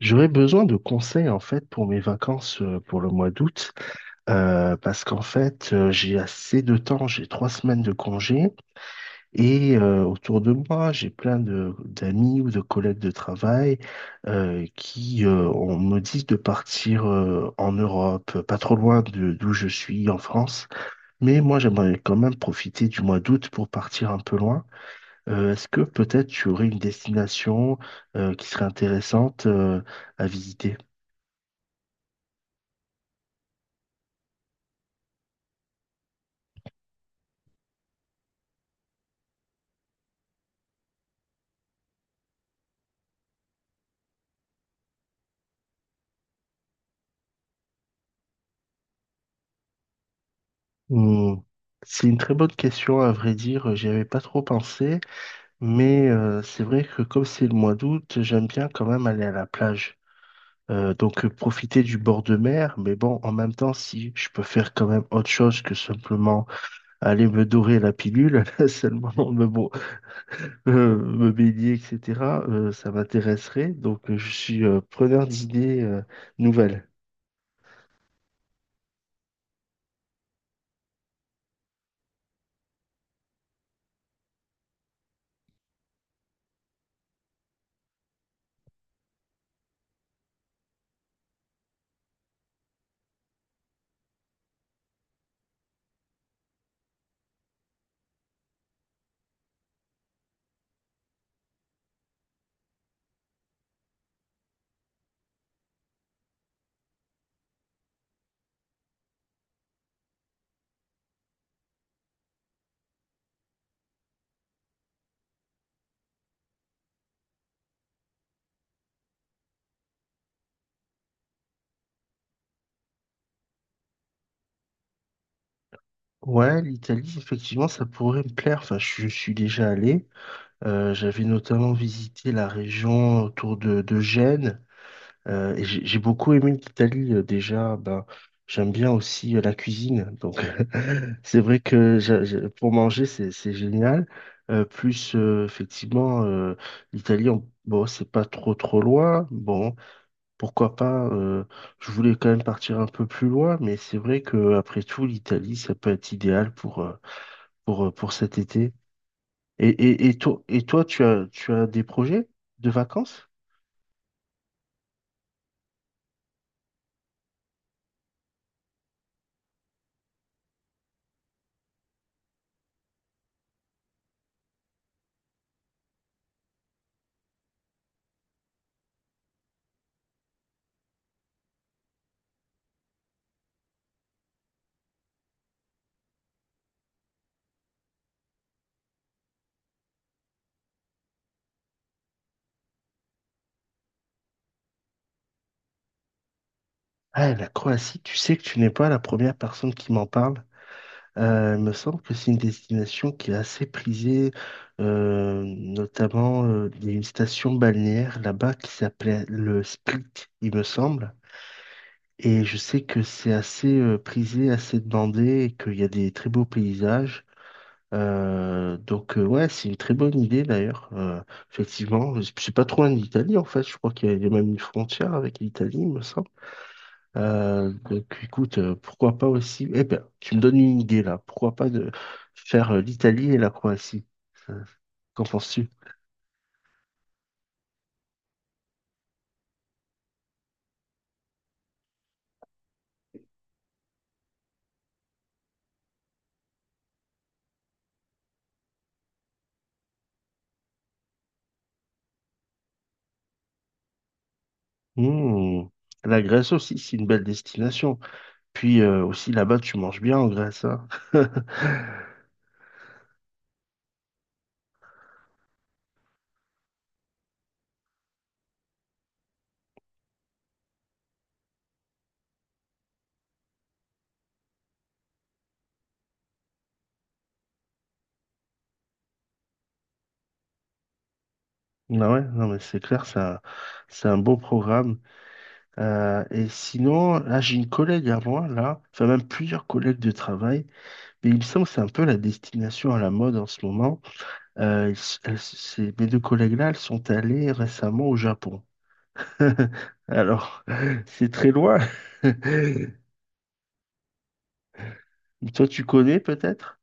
J'aurais besoin de conseils en fait pour mes vacances pour le mois d'août parce qu'en fait j'ai assez de temps, j'ai trois semaines de congé et autour de moi j'ai plein de d'amis ou de collègues de travail qui on me dit de partir en Europe, pas trop loin de d'où je suis en France, mais moi j'aimerais quand même profiter du mois d'août pour partir un peu loin. Est-ce que peut-être tu aurais une destination qui serait intéressante à visiter? Hmm. C'est une très bonne question, à vrai dire, j'y avais pas trop pensé, mais c'est vrai que comme c'est le mois d'août, j'aime bien quand même aller à la plage. Profiter du bord de mer, mais bon, en même temps, si je peux faire quand même autre chose que simplement aller me dorer la pilule, seulement me, bon, me baigner, etc., ça m'intéresserait. Je suis preneur d'idées nouvelles. Ouais, l'Italie, effectivement, ça pourrait me plaire. Enfin, je suis déjà allé. J'avais notamment visité la région autour de Gênes et j'ai beaucoup aimé l'Italie déjà. Ben, j'aime bien aussi la cuisine, donc c'est vrai que pour manger c'est génial. Plus effectivement, l'Italie, bon c'est pas trop loin. Bon pourquoi pas. Je voulais quand même partir un peu plus loin, mais c'est vrai que après tout l'Italie ça peut être idéal pour pour cet été. Et toi, tu as des projets de vacances? Ah, la Croatie, tu sais que tu n'es pas la première personne qui m'en parle. Il me semble que c'est une destination qui est assez prisée, notamment il y a une station balnéaire là-bas qui s'appelait le Split, il me semble. Et je sais que c'est assez prisé, assez demandé et qu'il y a des très beaux paysages. Ouais, c'est une très bonne idée d'ailleurs. Effectivement, je sais pas trop en Italie en fait. Je crois qu'il y a même une frontière avec l'Italie, il me semble. Écoute, pourquoi pas aussi. Eh ben, tu me donnes une idée là. Pourquoi pas de faire l'Italie et la Croatie? Ça- Qu'en penses-tu? Hmm. La Grèce aussi, c'est une belle destination. Puis aussi là-bas, tu manges bien en Grèce, hein. Ah ouais, non mais c'est clair, ça, c'est un beau programme. Et sinon, là, j'ai une collègue à moi, là, enfin même plusieurs collègues de travail, mais il me semble que c'est un peu la destination à la mode en ce moment. Ils s- elles s- ces- Mes deux collègues-là, elles sont allées récemment au Japon. Alors, c'est très loin. Toi, tu connais peut-être?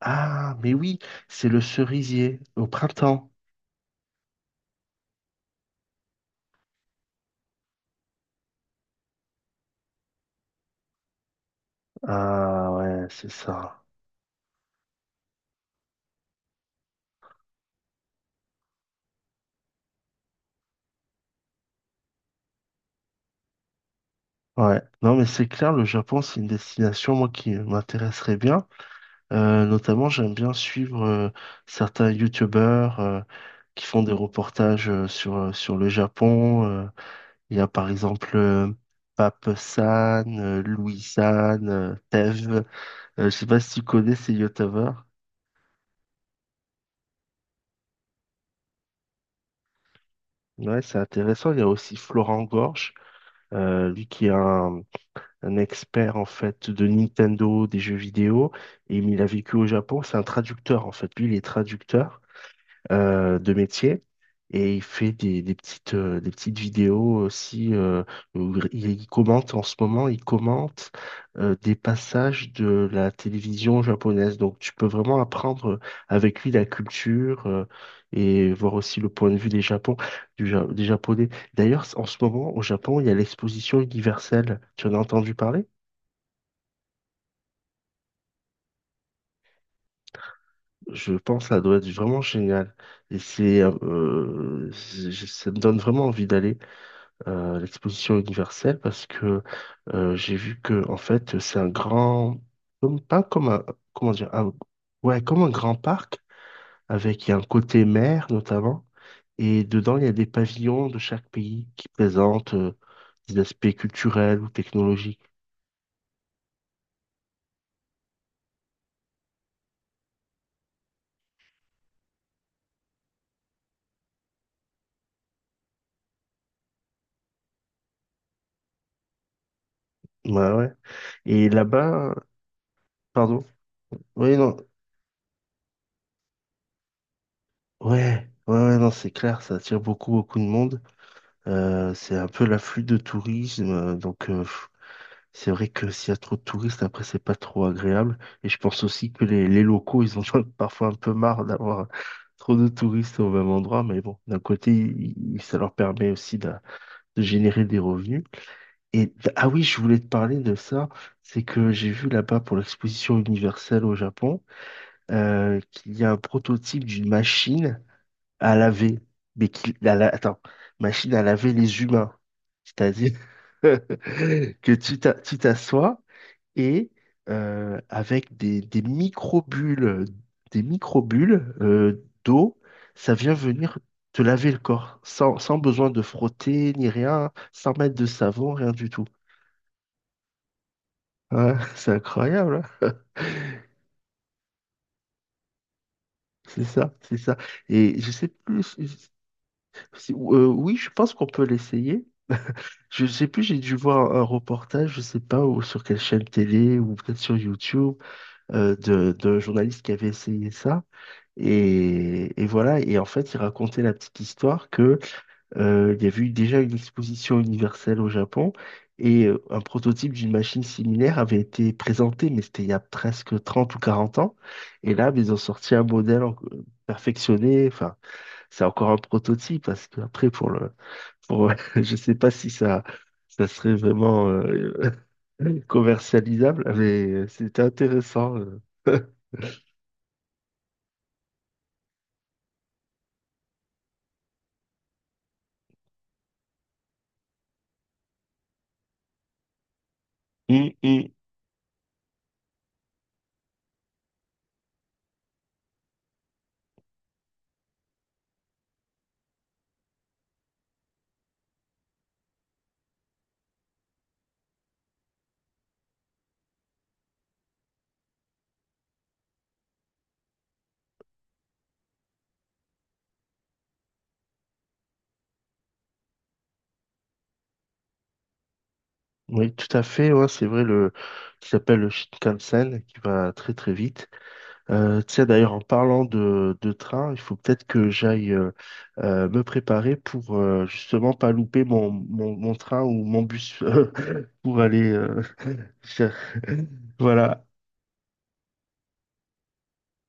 Ah, mais oui, c'est le cerisier au printemps. Ah ouais, c'est ça. Ouais. Non, mais c'est clair, le Japon, c'est une destination, moi, qui m'intéresserait bien. Notamment, j'aime bien suivre certains youtubeurs qui font des reportages sur le Japon. Il y a par exemple Pape San, Louis San, Tev. Je sais pas si tu connais ces youtubeurs. Ouais, c'est intéressant. Il y a aussi Florent Gorge, lui qui est un expert en fait de Nintendo, des jeux vidéo, et il a vécu au Japon. C'est un traducteur en fait. Lui, il est traducteur. De métier. Et il fait des petites vidéos aussi où il commente en ce moment, il commente des passages de la télévision japonaise. Donc tu peux vraiment apprendre avec lui la culture et voir aussi le point de vue des Japon, du Ja- des Japonais. D'ailleurs, en ce moment, au Japon, il y a l'exposition universelle. Tu en as entendu parler? Je pense que ça doit être vraiment génial. Et ça me donne vraiment envie d'aller. L'exposition universelle parce que j'ai vu que en fait c'est un grand comme pas comme un comment dire un- ouais comme un grand parc avec il y a un côté mer notamment et dedans il y a des pavillons de chaque pays qui présentent des aspects culturels ou technologiques. Ouais, ouais, et là-bas pardon. Oui, non, ouais, ouais, ouais, non c'est clair, ça attire beaucoup de monde. C'est un peu l'afflux de tourisme, c'est vrai que s'il y a trop de touristes, après, c'est pas trop agréable. Et je pense aussi que les locaux, ils en ont parfois un peu marre d'avoir trop de touristes au même endroit. Mais bon, d'un côté, ça leur permet aussi de générer des revenus. Et ah oui, je voulais te parler de ça. C'est que j'ai vu là-bas pour l'exposition universelle au Japon, qu'il y a un prototype d'une machine à laver. Mais qui, attends, machine à laver les humains. C'est-à-dire que tu t'assois et avec des microbules, d'eau, ça vient venir te laver le corps sans, sans besoin de frotter ni rien, sans mettre de savon, rien du tout. Ouais, c'est incroyable, hein. C'est ça, c'est ça. Et je sais plus, oui, je pense qu'on peut l'essayer. Je sais plus, j'ai dû voir un reportage, je sais pas, ou sur quelle chaîne télé, ou peut-être sur YouTube, d'un journaliste qui avait essayé ça. Et voilà, et en fait, il racontait la petite histoire que il y avait eu déjà une exposition universelle au Japon et un prototype d'une machine similaire avait été présenté, mais c'était il y a presque 30 ou 40 ans. Et là, mais ils ont sorti un modèle perfectionné. Enfin, c'est encore un prototype parce qu'après, pour, je sais pas si ça, ça serait vraiment commercialisable, mais c'était intéressant. Hum. Oui, tout à fait. Ouais, c'est vrai, le qui s'appelle le Shinkansen, qui va très vite. Tu sais, d'ailleurs, en parlant de train, il faut peut-être que j'aille me préparer pour justement pas louper mon train ou mon bus pour aller. Voilà.